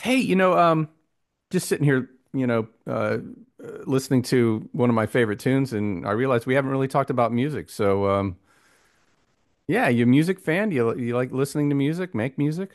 Hey, you know, um, just sitting here, listening to one of my favorite tunes, and I realized we haven't really talked about music. Yeah, you a music fan? Do you like listening to music? Make music?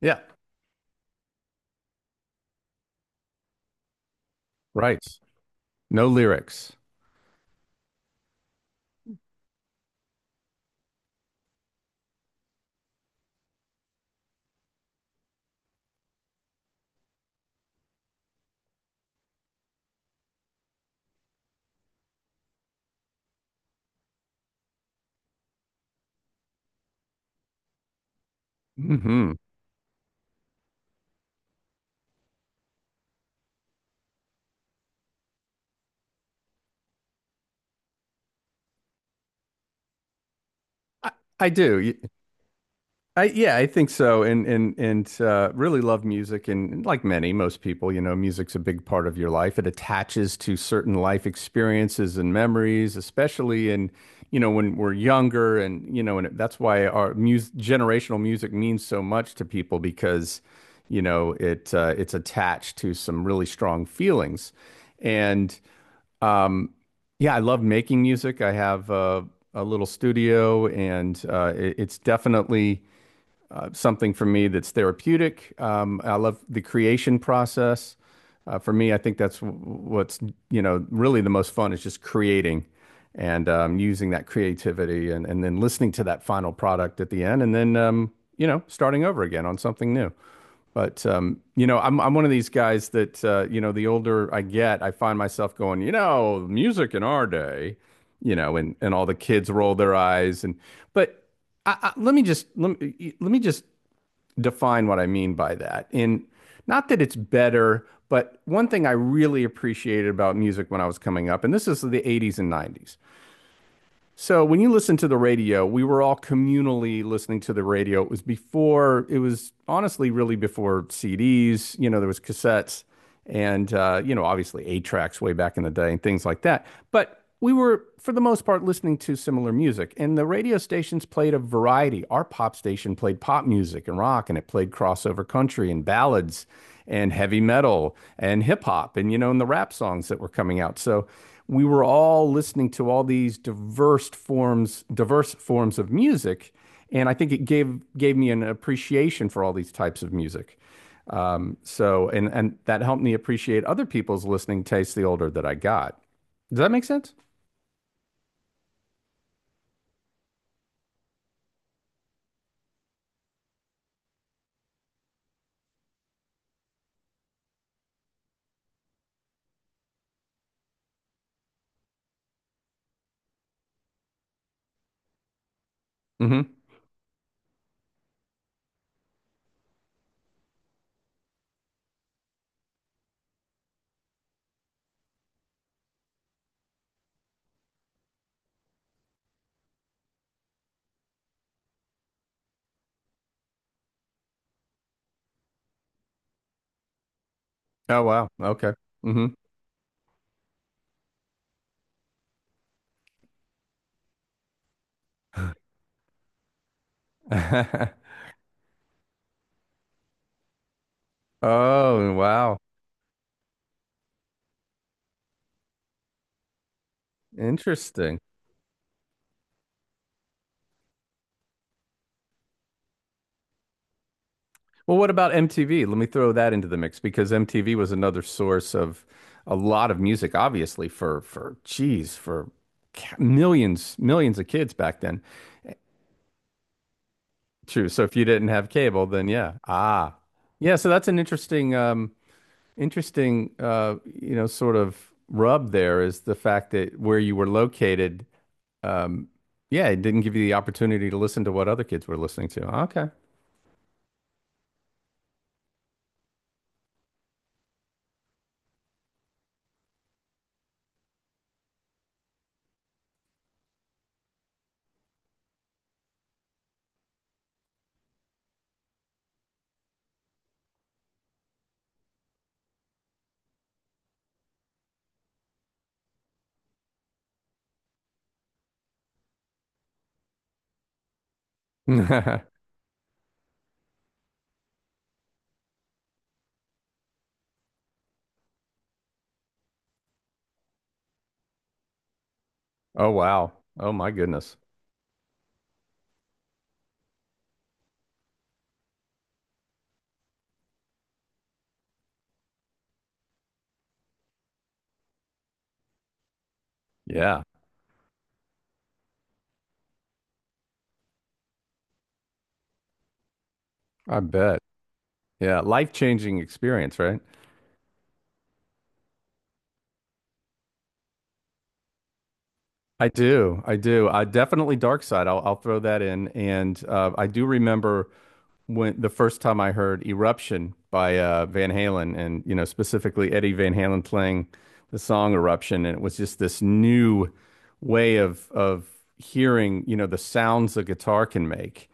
Yeah. Right. No lyrics. Hmm. I, I do. I yeah, I think so, and really love music, and like many, most people, you know, music's a big part of your life. It attaches to certain life experiences and memories, especially when we're younger, and you know, and that's why our mus generational music means so much to people because, you know, it's attached to some really strong feelings, and um, yeah, I love making music. I have a little studio, and it's definitely something for me that's therapeutic. I love the creation process. For me, I think that's really the most fun is just creating and using that creativity, and then listening to that final product at the end, and then starting over again on something new. But I'm one of these guys that, the older I get, I find myself going, you know, music in our day, you know, and, all the kids roll their eyes. And but I, let me just define what I mean by that. And not that it's better, but one thing I really appreciated about music when I was coming up, and this is the 80s and 90s. So when you listen to the radio, we were all communally listening to the radio. It was it was honestly really before CDs. You know, there was cassettes and you know, obviously eight tracks way back in the day and things like that. But we were, for the most part, listening to similar music. And the radio stations played a variety. Our pop station played pop music and rock, and it played crossover country and ballads and heavy metal and hip hop and, you know, and the rap songs that were coming out. So we were all listening to all these diverse forms of music, and I think it gave me an appreciation for all these types of music. And that helped me appreciate other people's listening tastes the older that I got. Does that make sense? Hmm. Oh, wow. Okay. Hmm. Oh, wow. Interesting. Well, what about MTV? Let me throw that into the mix, because MTV was another source of a lot of music, obviously, for geez, for millions, millions of kids back then. True. So if you didn't have cable, then yeah. Ah. Yeah, so that's an interesting sort of rub there is the fact that where you were located, um, yeah, it didn't give you the opportunity to listen to what other kids were listening to. Okay. Oh, wow. Oh, my goodness. Yeah, I bet. Yeah, life-changing experience, right? I do. I do. I definitely Dark Side. I'll throw that in. And I do remember when the first time I heard Eruption by Van Halen, and, you know, specifically Eddie Van Halen playing the song Eruption. And it was just this new way of hearing, you know, the sounds a guitar can make.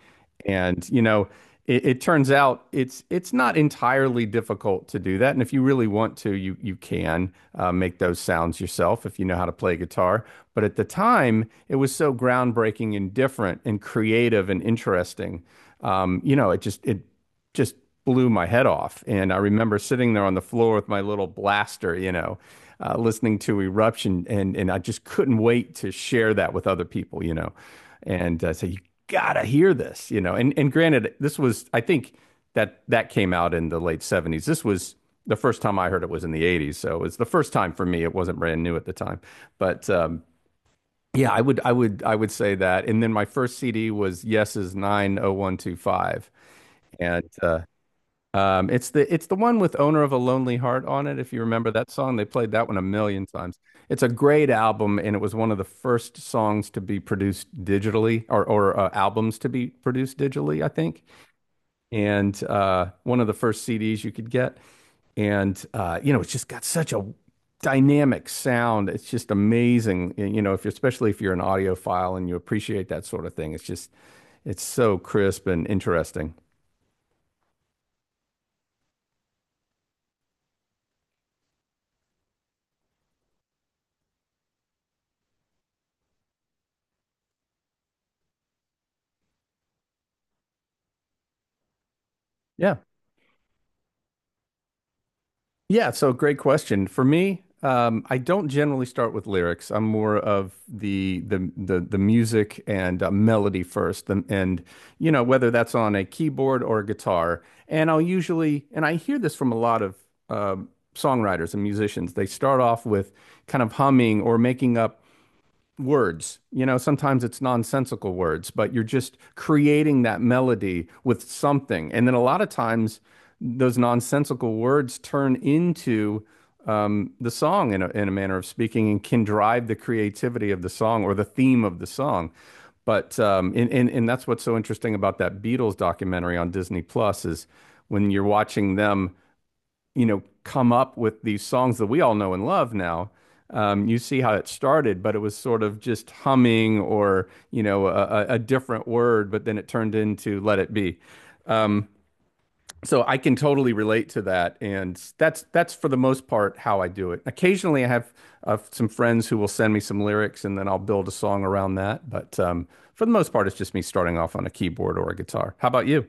And, you know, it turns out it's not entirely difficult to do that. And if you really want to, you can make those sounds yourself if you know how to play guitar. But at the time, it was so groundbreaking and different and creative and interesting. It just blew my head off. And I remember sitting there on the floor with my little blaster, you know, listening to Eruption, and I just couldn't wait to share that with other people, you know, and say you gotta hear this, you know. And granted, this was I think that came out in the late 70s. This was the first time I heard it was in the 80s, so it was the first time for me. It wasn't brand new at the time, but. Yeah, I would say that. And then my first CD was Yes's nine oh one two five, and it's the one with "Owner of a Lonely Heart" on it. If you remember that song, they played that one a million times. It's a great album, and it was one of the first songs to be produced digitally, or albums to be produced digitally, I think, and one of the first CDs you could get. And you know, it's just got such a dynamic sound. It's just amazing. You know, if you're especially if you're an audiophile and you appreciate that sort of thing, it's just it's so crisp and interesting. Yeah. Yeah, so great question. For me, I don't generally start with lyrics. I'm more of the music and melody first, and, you know, whether that's on a keyboard or a guitar. And I'll usually, and I hear this from a lot of um songwriters and musicians. They start off with kind of humming or making up words. You know, sometimes it's nonsensical words, but you're just creating that melody with something. And then a lot of times those nonsensical words turn into the song in a manner of speaking, and can drive the creativity of the song or the theme of the song. But and that's what's so interesting about that Beatles documentary on Disney Plus is when you're watching them, you know, come up with these songs that we all know and love now. You see how it started, but it was sort of just humming or, you know, a different word, but then it turned into Let It Be. So I can totally relate to that, and that's for the most part how I do it. Occasionally, I have some friends who will send me some lyrics, and then I'll build a song around that. But for the most part, it's just me starting off on a keyboard or a guitar. How about you?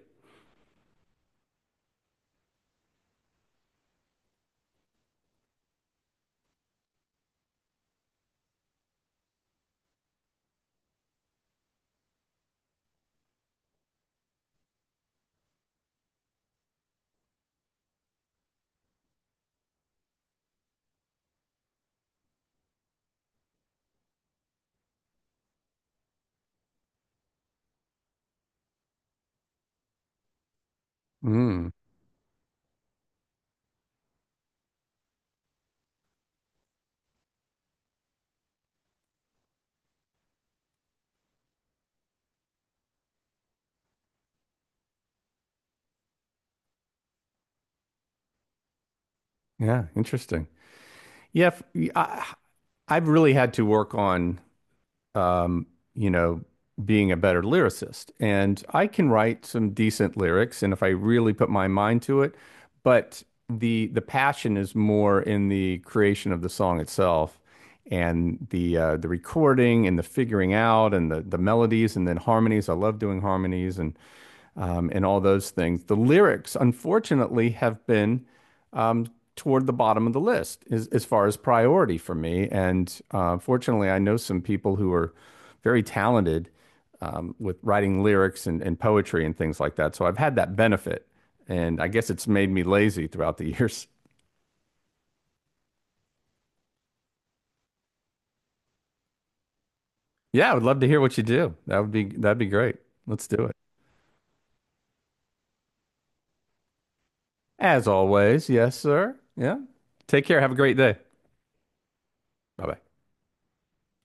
Mm, yeah, interesting. Yeah, f- I, I've really had to work on, um, you know, being a better lyricist. And I can write some decent lyrics, and if I really put my mind to it, but the passion is more in the creation of the song itself, and the recording and the figuring out and the melodies and then harmonies. I love doing harmonies and all those things. The lyrics, unfortunately, have been toward the bottom of the list as far as priority for me. And fortunately, I know some people who are very talented with writing lyrics and poetry and things like that. So I've had that benefit. And I guess it's made me lazy throughout the years. Yeah, I would love to hear what you do. That would be that'd be great. Let's do it. As always, yes, sir. Yeah. Take care. Have a great day. Bye bye.